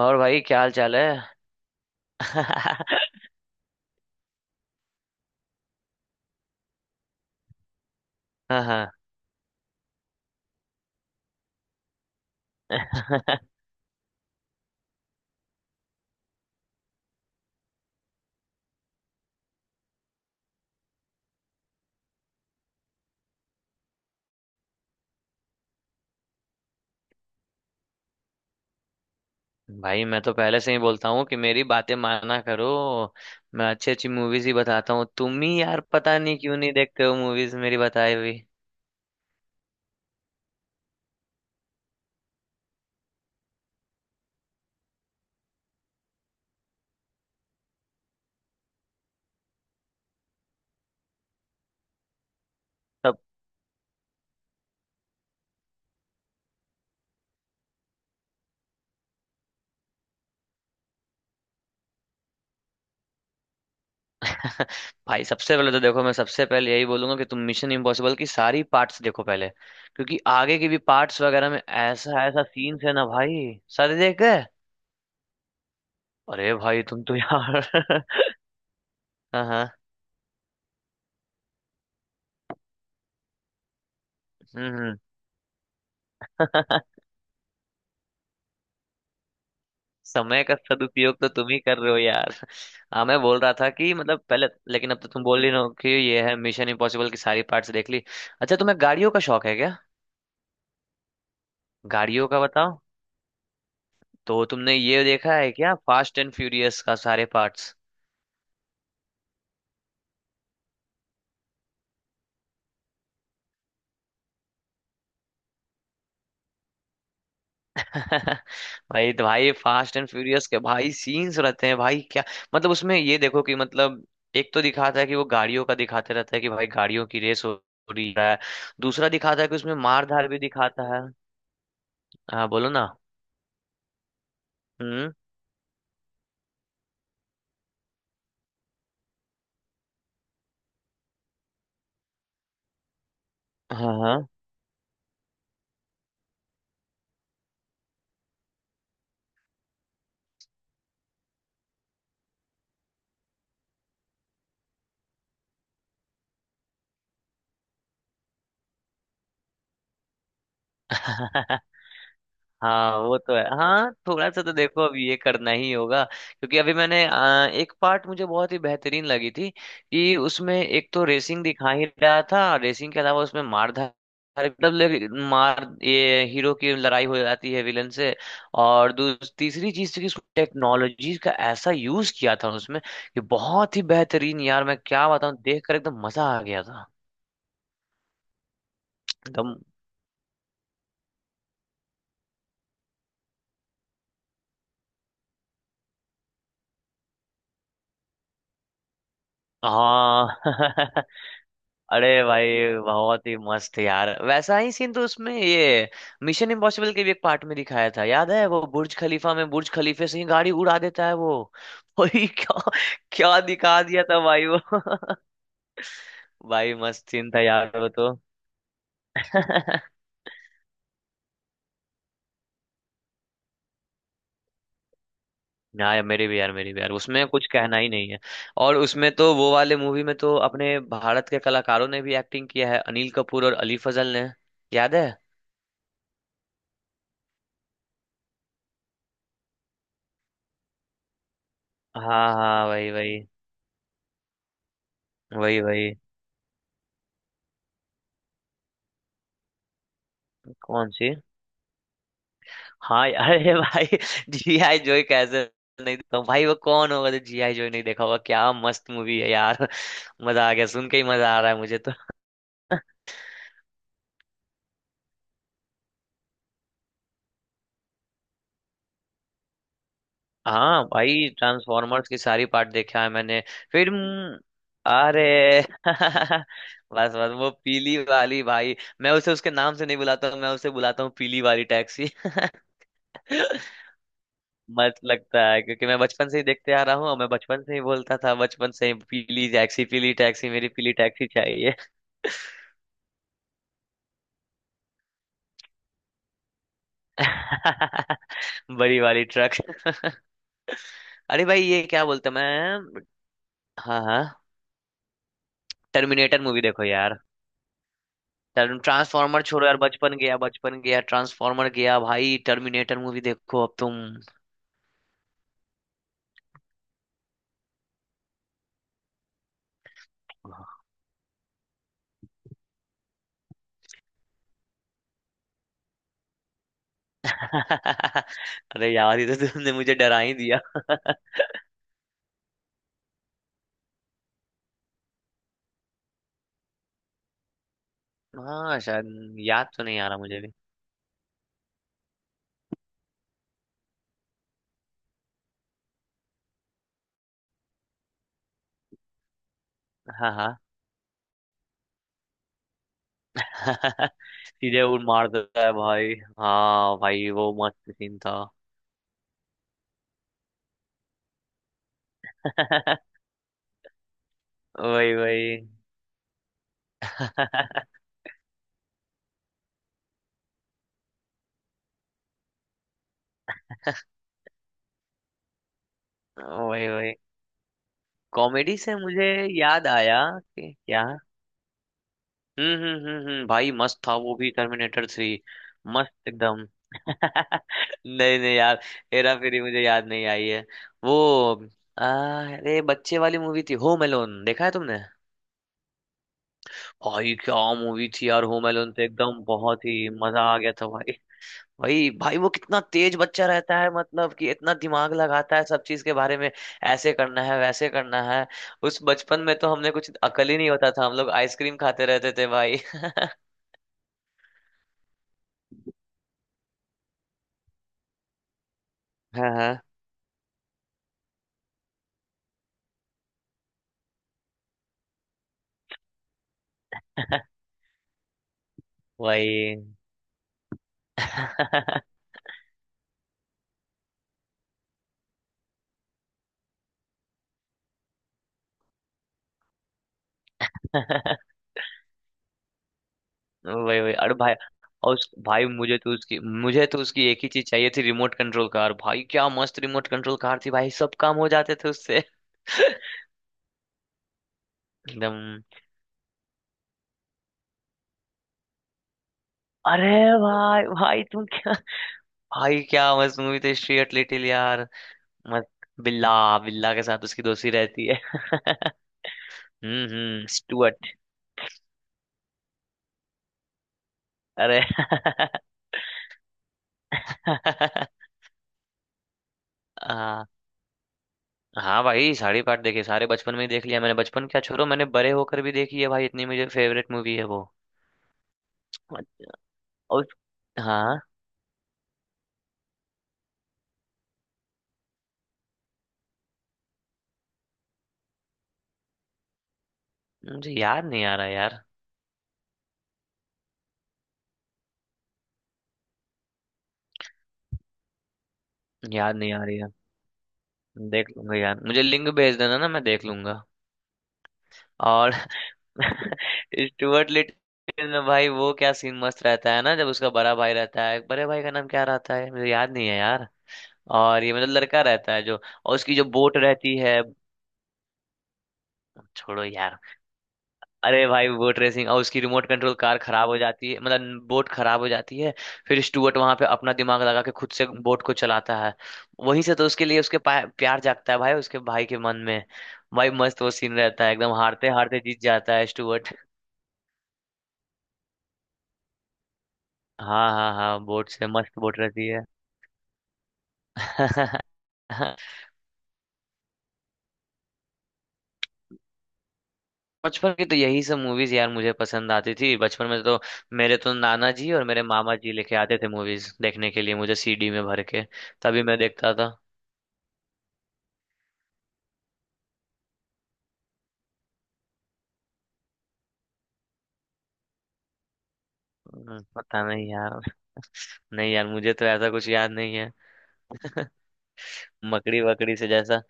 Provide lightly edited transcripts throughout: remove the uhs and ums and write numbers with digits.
और भाई क्या हाल चाल है। हाँ, हाँ। भाई, मैं तो पहले से ही बोलता हूँ कि मेरी बातें माना करो। मैं अच्छी अच्छी मूवीज ही बताता हूँ, तुम ही यार पता नहीं क्यों नहीं देखते हो मूवीज मेरी बताई हुई। सब। भाई, सबसे पहले तो देखो, मैं सबसे पहले यही बोलूंगा कि तुम मिशन इम्पॉसिबल की सारी पार्ट्स देखो पहले। क्योंकि आगे की भी पार्ट्स वगैरह में ऐसा ऐसा सीन्स है ना, भाई सारे देख गए। अरे भाई, तुम तो यार। हाँ, हाँ। हम्म, हम्म। समय का सदुपयोग तो तुम ही कर रहे हो यार। हाँ, मैं बोल रहा था कि मतलब पहले। लेकिन अब तो तुम बोल रही हो कि ये है, मिशन इम्पॉसिबल की सारी पार्ट्स देख ली। अच्छा, तुम्हें गाड़ियों का शौक है क्या? गाड़ियों का बताओ। तो तुमने ये देखा है क्या, फास्ट एंड फ्यूरियस का सारे पार्ट्स? भाई तो भाई, फास्ट एंड फ्यूरियस के भाई सीन्स रहते हैं भाई क्या। मतलब उसमें ये देखो कि मतलब, एक तो दिखाता है कि वो गाड़ियों का दिखाते रहता है कि भाई गाड़ियों की रेस हो रही है। दूसरा दिखाता है कि उसमें मार धार भी दिखाता है। हाँ, बोलो ना। हम्म? हाँ, हाँ। हाँ, वो तो है। हाँ, थोड़ा सा तो देखो, अब ये करना ही होगा, क्योंकि अभी मैंने एक पार्ट मुझे बहुत ही बेहतरीन लगी थी कि उसमें एक तो रेसिंग दिखा ही रहा था, रेसिंग के अलावा उसमें मार धाड़, मतलब मार, ये हीरो की लड़ाई हो जाती है विलन से। और दूसरी तीसरी चीज थी कि टेक्नोलॉजी का ऐसा यूज किया था उसमें, कि बहुत ही बेहतरीन यार, मैं क्या बताऊं, देख कर एकदम मजा आ गया था। एकदम। हाँ। अरे भाई, बहुत ही मस्त यार, वैसा ही सीन तो उसमें ये मिशन इम्पॉसिबल के भी एक पार्ट में दिखाया था, याद है, वो बुर्ज खलीफा में बुर्ज खलीफे से ही गाड़ी उड़ा देता है वो। भाई क्या। क्या दिखा दिया था भाई वो। भाई मस्त सीन था यार वो तो। ना यार, मेरी भी यार, मेरी भी यार, उसमें कुछ कहना ही नहीं है। और उसमें तो वो वाले मूवी में तो अपने भारत के कलाकारों ने भी एक्टिंग किया है, अनिल कपूर और अली फजल ने। याद है। हाँ, हाँ, वही, वही। वही, वही। कौन सी? हाँ। यार, अरे भाई, जी आई जॉय कैसे नहीं देखा हूँ? भाई, वो कौन होगा जो जी आई जॉय नहीं देखा होगा, क्या मस्त मूवी है यार। मजा आ गया, सुन के ही मजा आ रहा है मुझे तो। हाँ भाई, ट्रांसफॉर्मर्स की सारी पार्ट देखा है मैंने। फिर, हम्म। अरे। बस, बस, वो पीली वाली भाई। मैं उसे उसके नाम से नहीं बुलाता हूँ, मैं उसे बुलाता हूँ पीली वाली टैक्सी। मस्त लगता है, क्योंकि मैं बचपन से ही देखते आ रहा हूँ और मैं बचपन से ही बोलता था, बचपन से ही पीली टैक्सी, पीली टैक्सी, मेरी पीली टैक्सी चाहिए। बड़ी वाली ट्रक। अरे भाई, ये क्या बोलते मैं। हाँ, हाँ। टर्मिनेटर मूवी देखो यार। ट्रांसफॉर्मर छोड़ो यार, बचपन गया, बचपन गया, ट्रांसफॉर्मर गया भाई, टर्मिनेटर मूवी देखो अब तुम। अरे यार, ये तो तुमने मुझे डरा ही दिया। हाँ, शायद याद तो नहीं आ रहा मुझे भी। हाँ, हाँ। सीधे उड़ मार देता है भाई। हाँ भाई, वो मस्त सीन था। वही, वही। वही, वही। कॉमेडी से मुझे याद आया कि क्या। हम्म, हम्म, हम्म, हम्म, भाई मस्त था वो भी टर्मिनेटर थ्री। मस्त एकदम। नहीं, नहीं यार, हेरा फेरी मुझे याद नहीं आई है। वो, आ, अरे, बच्चे वाली मूवी थी, होम एलोन देखा है तुमने? भाई क्या मूवी थी यार, होम एलोन तो एकदम बहुत ही मजा आ गया था भाई। वही भाई, वो कितना तेज बच्चा रहता है, मतलब कि इतना दिमाग लगाता है सब चीज के बारे में, ऐसे करना है, वैसे करना है। उस बचपन में तो हमने कुछ अकल ही नहीं होता था, हम लोग आइसक्रीम खाते रहते थे भाई, हाँ। हाँ। वही। वही, वही, अरे भाई। और उस भाई, मुझे तो उसकी एक ही चीज चाहिए थी, रिमोट कंट्रोल कार भाई, क्या मस्त रिमोट कंट्रोल कार थी भाई, सब काम हो जाते थे उससे। एकदम। अरे भाई, भाई तुम क्या, भाई क्या मस्त मूवी थी स्ट्रीट लिटिल यार, मस्त। बिल्ला। बिल्ला के साथ उसकी दोस्ती रहती है। हम्म, हम्म, स्टुअर्ट। अरे। हाँ, हाँ भाई, सारे पार्ट देखे, सारे बचपन में ही देख लिया मैंने, बचपन क्या छोड़ो, मैंने बड़े होकर भी देखी है भाई, इतनी मुझे फेवरेट मूवी है वो। अच्छा, और हाँ। मुझे याद नहीं आ रहा यार। याद नहीं आ रही है। देख लूंगा यार, मुझे लिंक भेज देना ना, मैं देख लूंगा। और स्टुअर्ट लिटिल में भाई वो क्या सीन मस्त रहता है ना, जब उसका बड़ा भाई रहता है, बड़े भाई का नाम क्या रहता है, मुझे याद नहीं है यार। और ये मतलब लड़का रहता है जो, और उसकी जो बोट रहती है, छोड़ो यार। अरे भाई, बोट रेसिंग, और उसकी रिमोट कंट्रोल कार खराब हो जाती है, मतलब बोट खराब हो जाती है। फिर स्टुअर्ट वहां पे अपना दिमाग लगा के खुद से बोट को चलाता है। वहीं से तो उसके लिए उसके प्यार जागता है भाई, उसके भाई के मन में। भाई मस्त वो सीन रहता है, एकदम हारते हारते जीत जाता है स्टुअर्ट। हाँ, हाँ, हाँ, बोट से मस्त बोट रहती है। बचपन की तो यही सब मूवीज यार मुझे पसंद आती थी बचपन में तो। मेरे तो नाना जी और मेरे मामा जी लेके आते थे मूवीज देखने के लिए मुझे, सीडी में भर के। तभी मैं देखता था। पता नहीं यार। नहीं यार, मुझे तो ऐसा कुछ याद नहीं है। मकड़ी वकड़ी से जैसा।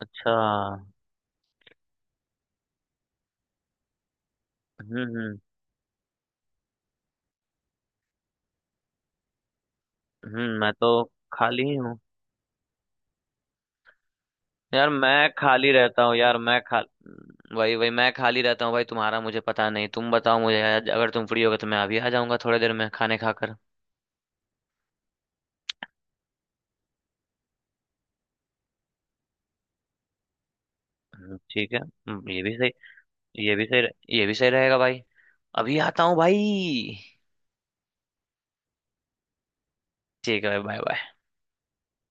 अच्छा। हम्म, हम्म, हम्म। मैं तो खाली हूँ। यार मैं खाली रहता हूँ यार, मैं खा वही, वही, मैं खाली रहता हूँ भाई, तुम्हारा मुझे पता नहीं, तुम बताओ मुझे, अगर तुम फ्री होगे तो मैं अभी आ जाऊंगा थोड़ी देर में खाने खाकर। ठीक है, ये भी सही, ये भी सही ये भी सही रहेगा भाई। अभी आता हूँ भाई। ठीक है भाई, बाय बाय।